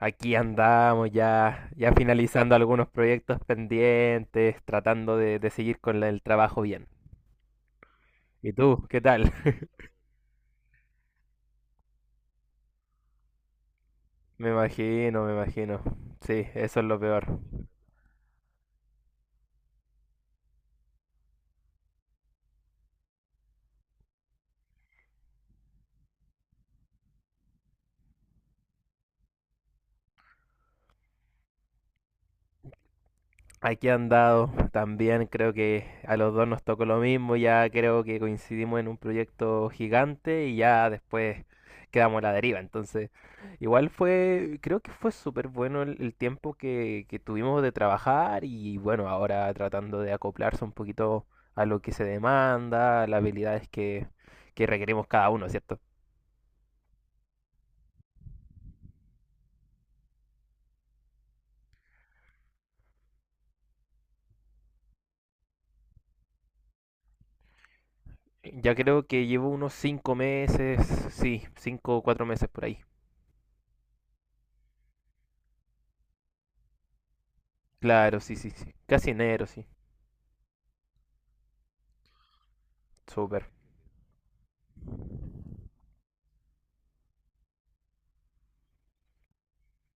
Aquí andamos ya finalizando algunos proyectos pendientes, tratando de seguir con el trabajo bien. ¿Y tú? ¿Qué tal? Me imagino, me imagino. Sí, eso es lo peor. Aquí han dado también, creo que a los dos nos tocó lo mismo, ya creo que coincidimos en un proyecto gigante y ya después quedamos a la deriva. Entonces, igual fue, creo que fue súper bueno el tiempo que tuvimos de trabajar y bueno, ahora tratando de acoplarse un poquito a lo que se demanda, a las habilidades que requerimos cada uno, ¿cierto? Ya creo que llevo unos 5 meses, sí, 5 o 4 meses por ahí. Claro, sí, sí, sí. Casi enero, sí. Súper.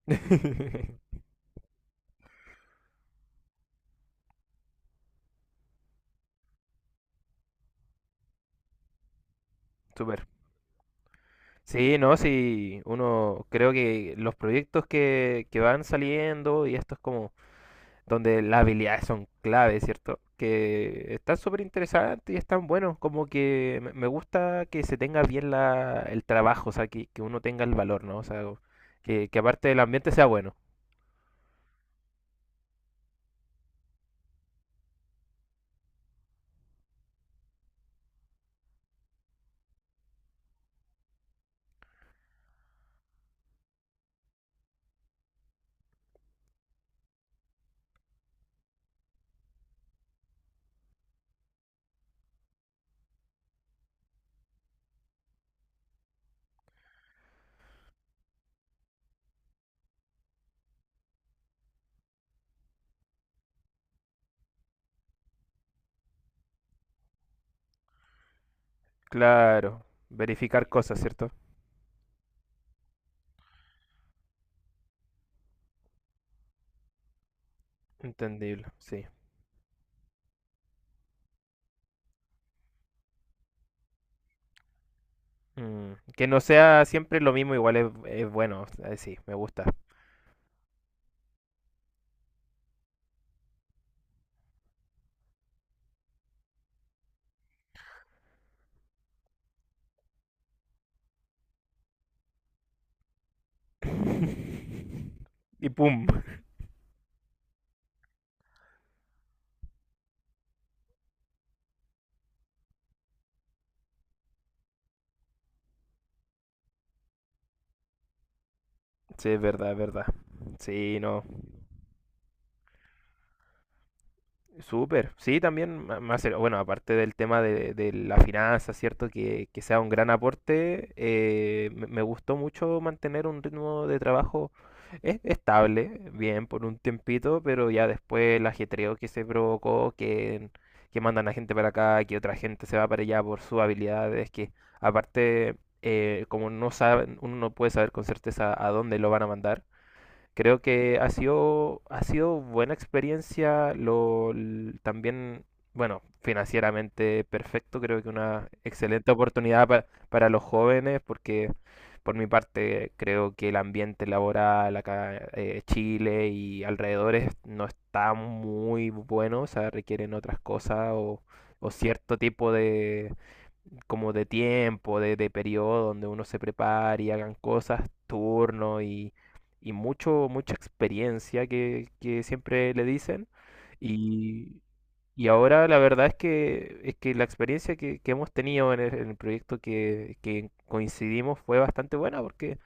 Súper. Sí, no, sí, uno creo que los proyectos que van saliendo y esto es como donde las habilidades son clave, ¿cierto? Que están súper interesantes y están buenos, como que me gusta que se tenga bien el trabajo, o sea, que uno tenga el valor, ¿no? O sea, que aparte del ambiente sea bueno. Claro, verificar cosas, ¿cierto? Entendible, sí. Que no sea siempre lo mismo, igual es bueno, sí, me gusta. Y pum. Sí, es verdad, es verdad. Sí, no. Súper, sí, también, más, bueno, aparte del tema de la finanza, ¿cierto? Que sea un gran aporte, me, me gustó mucho mantener un ritmo de trabajo estable, bien, por un tiempito, pero ya después el ajetreo que se provocó, que mandan a gente para acá, que otra gente se va para allá por sus habilidades, que aparte, como no saben, uno no puede saber con certeza a dónde lo van a mandar. Creo que ha sido buena experiencia, también, bueno, financieramente perfecto, creo que una excelente oportunidad para los jóvenes, porque por mi parte creo que el ambiente laboral acá Chile y alrededores no está muy bueno, o sea, requieren otras cosas o cierto tipo como de tiempo, de periodo donde uno se prepare y hagan cosas, turno y mucho, mucha experiencia que siempre le dicen. Y, y ahora la verdad es que la experiencia que hemos tenido en el proyecto que coincidimos fue bastante buena porque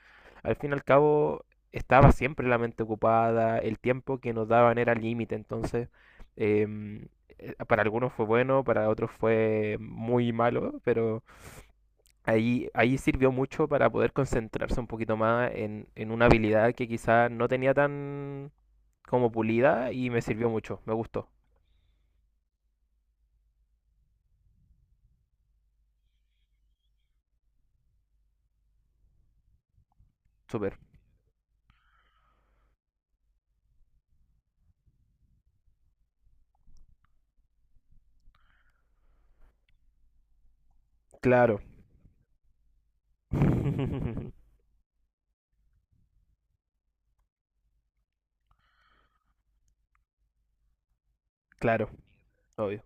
al fin y al cabo estaba siempre la mente ocupada, el tiempo que nos daban era límite, entonces em, para algunos fue bueno, para otros fue muy malo, pero ahí, ahí sirvió mucho para poder concentrarse un poquito más en una habilidad que quizás no tenía tan como pulida y me sirvió mucho, me gustó, súper. Claro. Claro, obvio.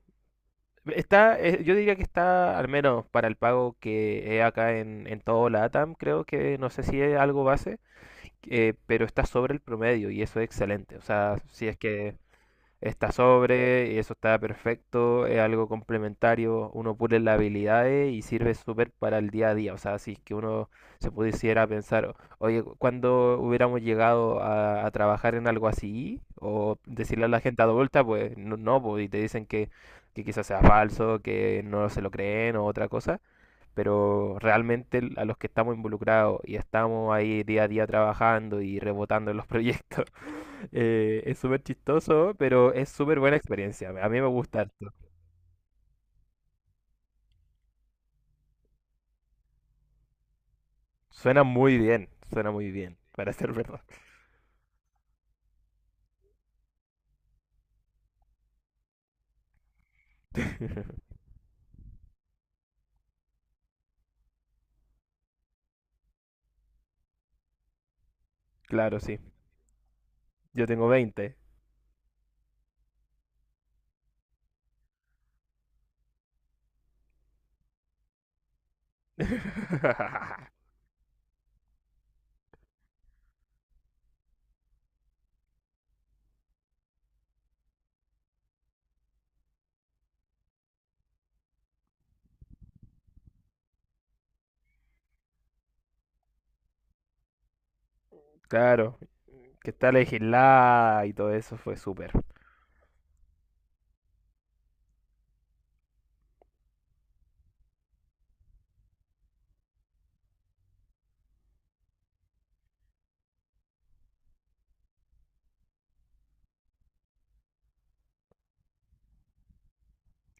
Está, yo diría que está, al menos para el pago que es acá en todo la ATAM, creo que no sé si es algo base, pero está sobre el promedio y eso es excelente. O sea, si es que está sobre, y eso está perfecto, es algo complementario, uno pule las habilidades y sirve súper para el día a día, o sea, si es que uno se pudiera pensar, oye, ¿cuándo hubiéramos llegado a trabajar en algo así? O decirle a la gente adulta, pues no, no, pues, y te dicen que quizás sea falso, que no se lo creen o otra cosa, pero realmente a los que estamos involucrados y estamos ahí día a día trabajando y rebotando en los proyectos, es súper chistoso, pero es súper buena experiencia. A mí me gusta harto. Suena muy bien, para ser verdad. Claro, sí. Yo tengo 20. Claro, que está legislada y todo eso fue súper.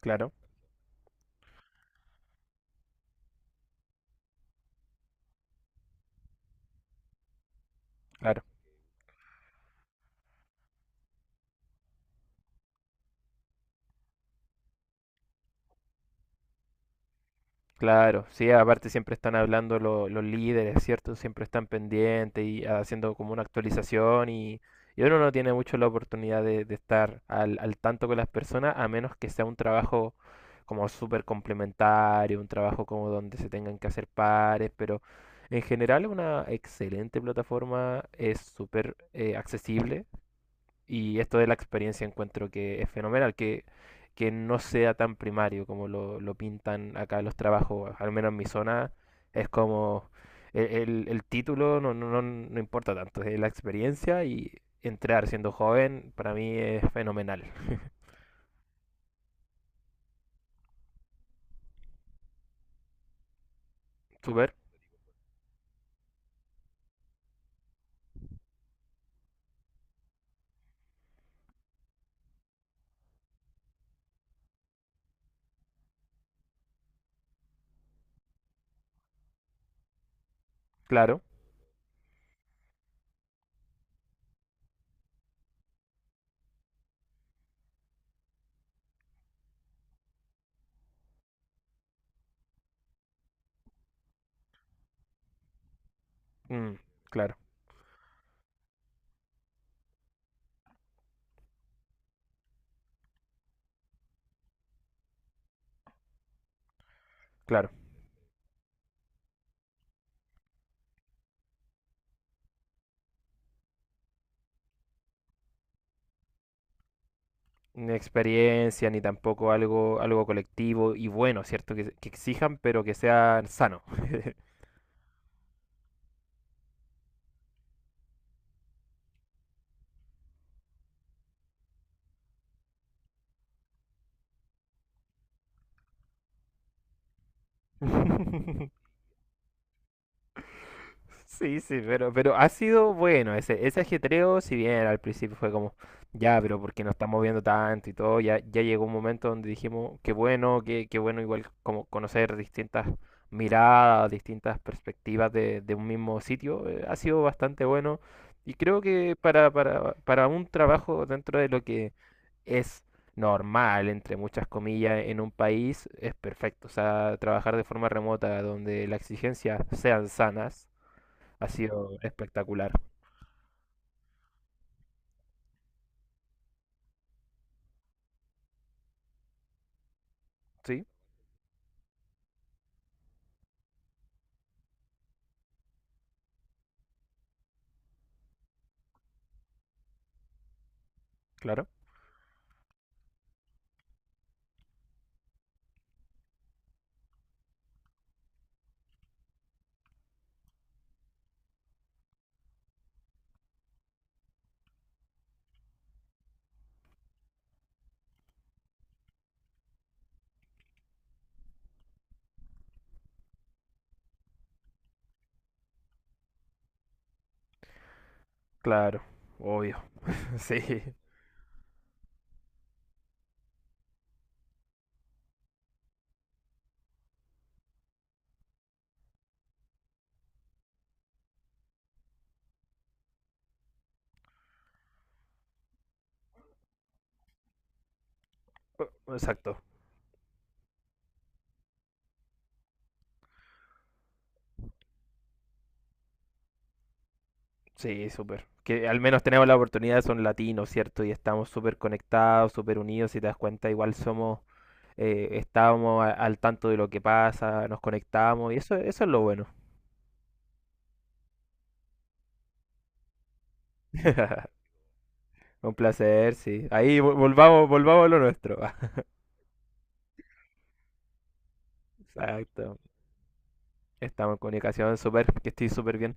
Claro, claro. Claro, sí, aparte siempre están hablando los líderes, ¿cierto? Siempre están pendientes y haciendo como una actualización y uno no tiene mucho la oportunidad de estar al, al tanto con las personas a menos que sea un trabajo como súper complementario, un trabajo como donde se tengan que hacer pares, pero en general es una excelente plataforma, es súper accesible y esto de la experiencia encuentro que es fenomenal, que no sea tan primario como lo pintan acá los trabajos, al menos en mi zona, es como el, el título no, no, no, no importa tanto, es la experiencia y entrar siendo joven para mí es fenomenal. Súper, claro, mm, claro, claro. Ni experiencia, ni tampoco algo, algo colectivo y bueno, ¿cierto? Que exijan, pero que sea sano. Sí, sí, pero ha sido bueno ese ajetreo, si bien al principio fue como, ya, pero porque nos estamos viendo tanto y todo, ya, ya llegó un momento donde dijimos, qué bueno, qué, qué bueno igual como conocer distintas miradas, distintas perspectivas de un mismo sitio, ha sido bastante bueno y creo que para un trabajo dentro de lo que es normal, entre muchas comillas, en un país, es perfecto, o sea, trabajar de forma remota donde las exigencias sean sanas ha sido espectacular. Sí, claro. Claro, obvio. Sí, o- exacto. Sí, súper. Que al menos tenemos la oportunidad, son latinos, ¿cierto? Y estamos súper conectados, súper unidos. Si te das cuenta, igual somos, estábamos al tanto de lo que pasa, nos conectamos y eso es lo bueno. Un placer, sí. Ahí volvamos, volvamos a lo nuestro. Exacto. Estamos en comunicación, súper, que estoy súper bien.